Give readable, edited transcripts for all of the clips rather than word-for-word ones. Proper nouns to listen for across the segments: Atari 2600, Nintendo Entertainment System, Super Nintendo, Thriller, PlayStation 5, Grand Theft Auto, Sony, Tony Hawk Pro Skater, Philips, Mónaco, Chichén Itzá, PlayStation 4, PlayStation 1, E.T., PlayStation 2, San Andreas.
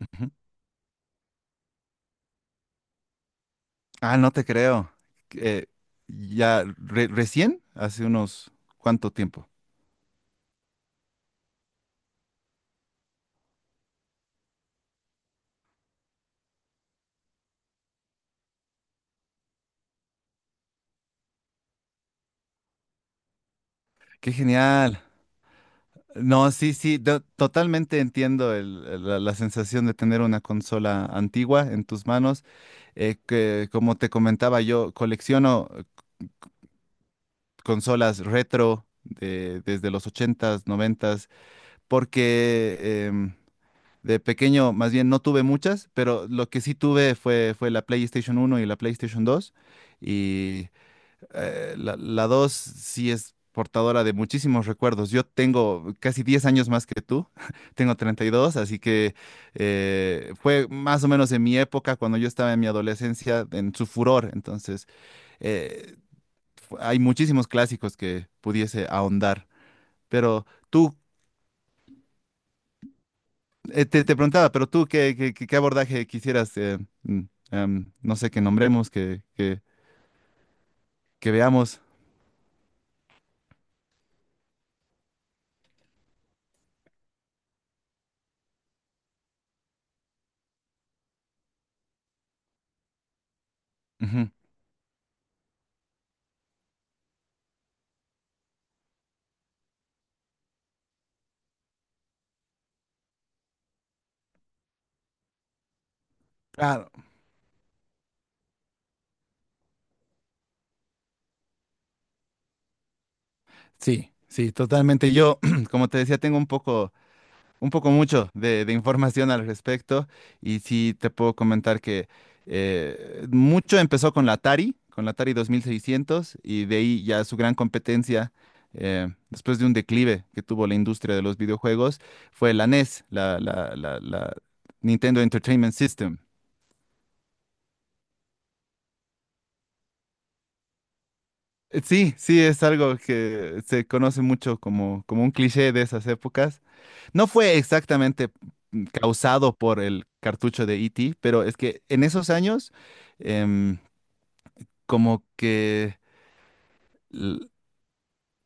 Ujú. Ah, no te creo. Eh, ya recién, hace unos cuánto tiempo. Qué genial. No, sí, sí, totalmente entiendo la sensación de tener una consola antigua en tus manos. Que, como te comentaba, yo colecciono consolas retro desde los ochentas, noventas, porque em, de pequeño, más bien no tuve muchas, pero lo que sí tuve fue la PlayStation uno y la PlayStation dos. Y la dos sí es portadora de muchísimos recuerdos. Yo tengo casi 10 años más que tú, tengo 32, así que fue más o menos en mi época, cuando yo estaba en mi adolescencia, en su furor. Entonces, eh, hay muchísimos clásicos que pudiese ahondar. Pero tú... te preguntaba, pero tú, ¿qué abordaje quisieras, mm, no sé, que nombremos, que veamos? Ujú. Claro, sí, sí, totalmente. Yo, como te decía, tengo un poco mucho de información al respecto y sí te puedo comentar que mucho empezó con la Atari 2600 y de ahí ya su gran competencia, después de un declive que tuvo la industria de los videojuegos, fue la NES, la Nintendo Entertainment System. Sí, sí, es algo que se conoce mucho como un cliché de esas épocas. No fue exactamente causado por el cartucho de E.T., pero es que en esos años em, como que l-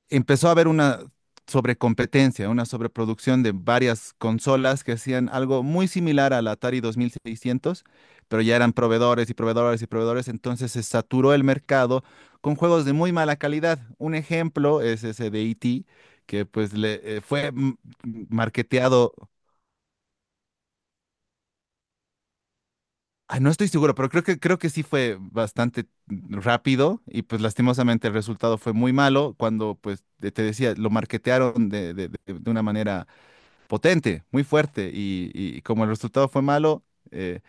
empezó a haber una sobrecompetencia, una sobreproducción de varias consolas que hacían algo muy similar al Atari 2600, pero ya eran proveedores y proveedores y proveedores, entonces se saturó el mercado con juegos de muy mala calidad. Un ejemplo es ese de E.T., que pues le fue marketeado. Ay, no estoy seguro, pero creo que sí fue bastante rápido y pues lastimosamente el resultado fue muy malo cuando pues te decía, lo marketearon de una manera potente, muy fuerte. Y como el resultado fue malo, eh,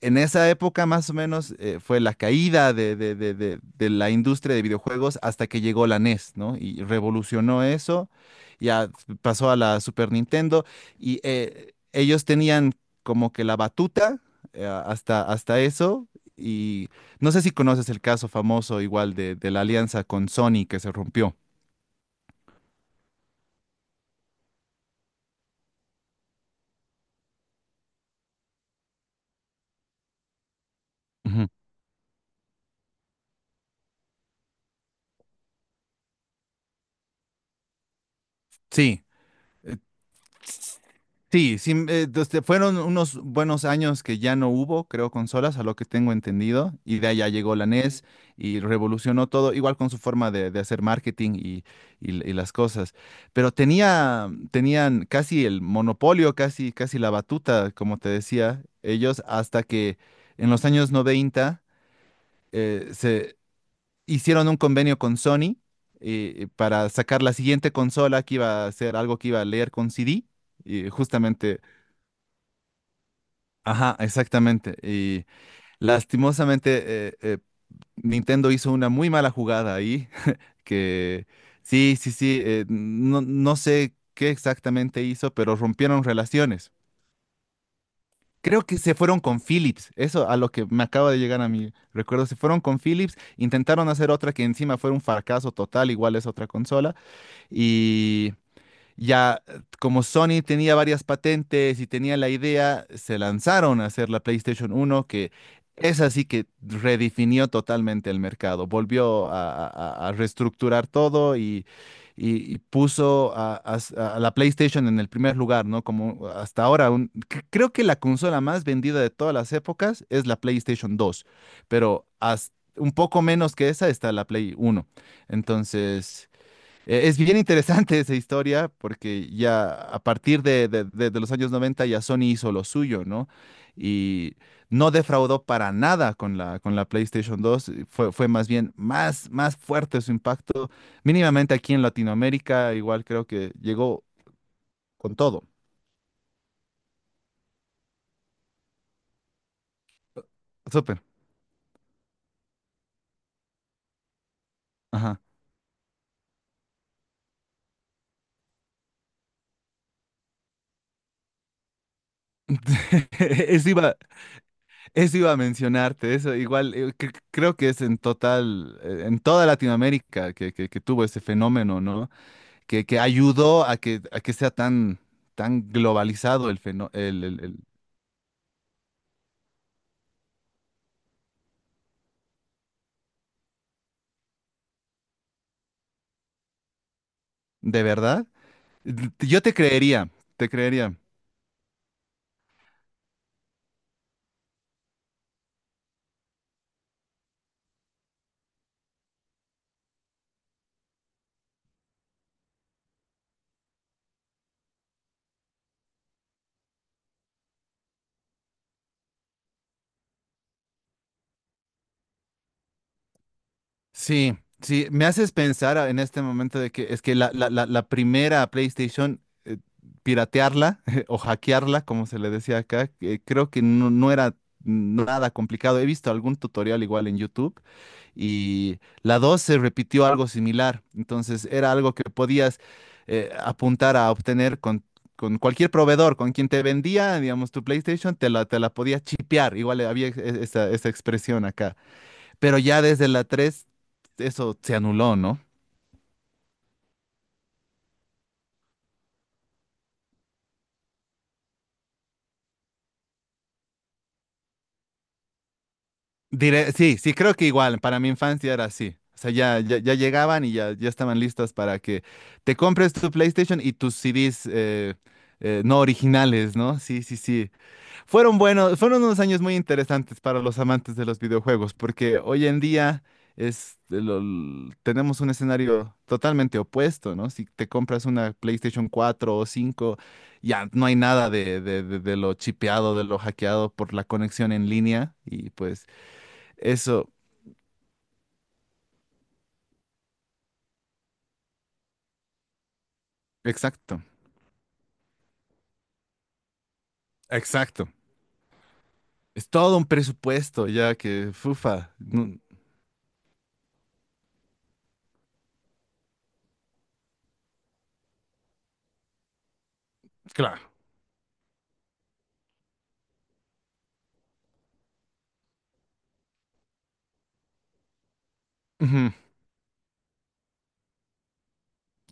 en esa época más o menos fue la caída de la industria de videojuegos hasta que llegó la NES, ¿no? Y revolucionó eso, ya pasó a la Super Nintendo y ellos tenían como que la batuta hasta eso y no sé si conoces el caso famoso igual de la alianza con Sony que se rompió. Ujú. Sí. Sí, sí, fueron unos buenos años que ya no hubo, creo, consolas, a lo que tengo entendido, y de allá llegó la NES y revolucionó todo, igual con su forma de hacer marketing y las cosas. Pero tenía, tenían casi el monopolio, casi, casi la batuta, como te decía, ellos, hasta que en los años 90 se hicieron un convenio con Sony para sacar la siguiente consola que iba a ser algo que iba a leer con CD, y justamente... Ajá, exactamente. Y lastimosamente Nintendo hizo una muy mala jugada ahí, que sí, sí, sí, no, no sé qué exactamente hizo, pero rompieron relaciones. Creo que se fueron con Philips, eso a lo que me acaba de llegar a mi recuerdo, se fueron con Philips, intentaron hacer otra que encima fue un fracaso total, igual es otra consola, ya, como Sony tenía varias patentes y tenía la idea, se lanzaron a hacer la PlayStation 1, que es así que redefinió totalmente el mercado, volvió a reestructurar todo y puso a la PlayStation en el primer lugar, ¿no? Como hasta ahora, creo que la consola más vendida de todas las épocas es la PlayStation 2, pero hasta un poco menos que esa está la Play 1. Entonces... Es bien interesante esa historia porque ya a partir de los años 90 ya Sony hizo lo suyo, ¿no? Y no defraudó para nada con la, con la PlayStation 2. Fue más bien más fuerte su impacto. Mínimamente aquí en Latinoamérica, igual creo que llegó con todo. Súper. Ajá. Eso iba, eso iba a mencionarte, eso igual creo que es en total, en toda Latinoamérica que, que tuvo ese fenómeno, ¿no? Que ayudó a que sea tan, tan globalizado el fenómeno. ¿De verdad? Yo te creería, te creería. Sí, sí, me haces pensar en este momento de que es que la primera PlayStation, piratearla o hackearla, como se le decía acá, que creo que no era nada complicado. He visto algún tutorial igual en YouTube y la dos se repitió algo similar. Entonces era algo que podías apuntar a obtener con cualquier proveedor, con quien te vendía, digamos, tu PlayStation, te la podía chipear. Igual había esa expresión acá. Pero ya desde la 3 eso se anuló, ¿no? Diré, sí, sí, creo que igual, para mi infancia era así. O sea, ya llegaban y ya estaban listas para que te compres tu PlayStation y tus CDs no originales, ¿no? Sí, sí, sí. Fueron buenos, fueron unos años muy interesantes para los amantes de los videojuegos, porque hoy en día tenemos un escenario totalmente opuesto, ¿no? Si te compras una PlayStation 4 o 5 ya no hay nada de lo chipeado, de lo hackeado por la conexión en línea, y pues eso, exacto, exacto. Es todo un presupuesto ya que, fufa, claro. Ujú,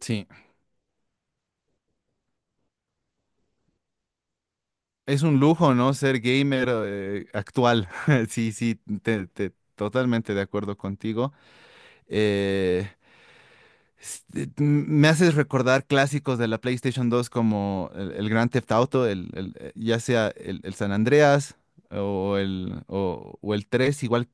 sí. Es un lujo, ¿no? Ser gamer actual. Sí, sí, totalmente de acuerdo contigo. Eh, me haces recordar clásicos de la PlayStation dos como el Grand Theft Auto, ya sea el San Andreas o el 3 igual.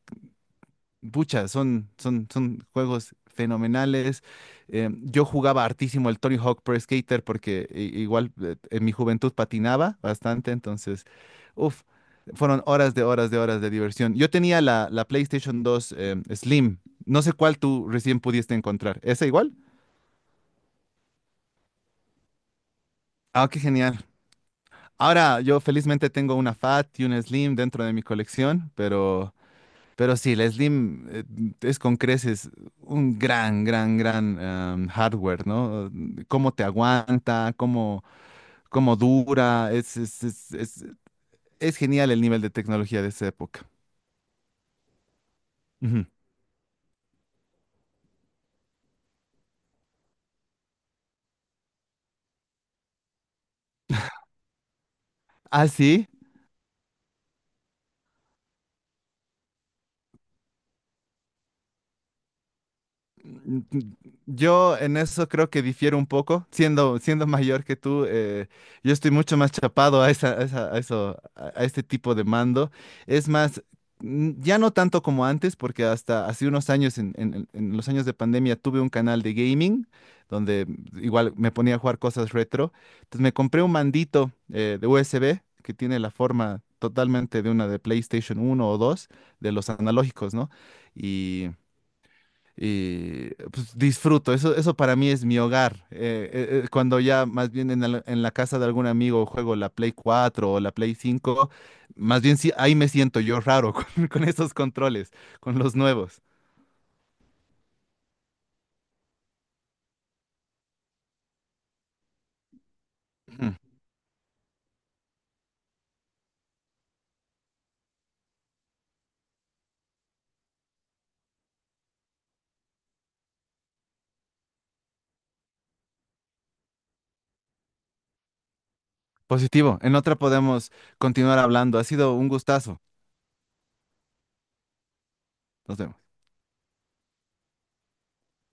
Pucha, son juegos fenomenales. Yo jugaba hartísimo el Tony Hawk Pro Skater porque igual en mi juventud patinaba bastante, entonces, uff, fueron horas de horas de horas de diversión. Yo tenía la PlayStation 2 Slim, no sé cuál tú recién pudiste encontrar. ¿Esa igual? Ah, qué genial. Ahora yo felizmente tengo una Fat y una Slim dentro de mi colección, pero sí, la Slim es con creces un gran, gran, gran hardware, ¿no? Cómo te aguanta, cómo dura. Es genial el nivel de tecnología de esa época. Ujú. Ah, sí. Yo en eso creo que difiero un poco, siendo mayor que tú, yo estoy mucho más chapado a esa, a eso, a este tipo de mando. Es más, ya no tanto como antes, porque hasta hace unos años, en los años de pandemia, tuve un canal de gaming, donde igual me ponía a jugar cosas retro. Entonces me compré un mandito de USB que tiene la forma totalmente de una de PlayStation uno o 2 de los analógicos, ¿no? Y pues, disfruto. Eso para mí es mi hogar. Cuando ya más bien en la casa de algún amigo juego la Play 4 o la Play 5 más bien sí, ahí me siento yo raro con esos controles, con los nuevos. Ujú. Positivo. En otra podemos continuar hablando. Ha sido un gustazo. Nos vemos.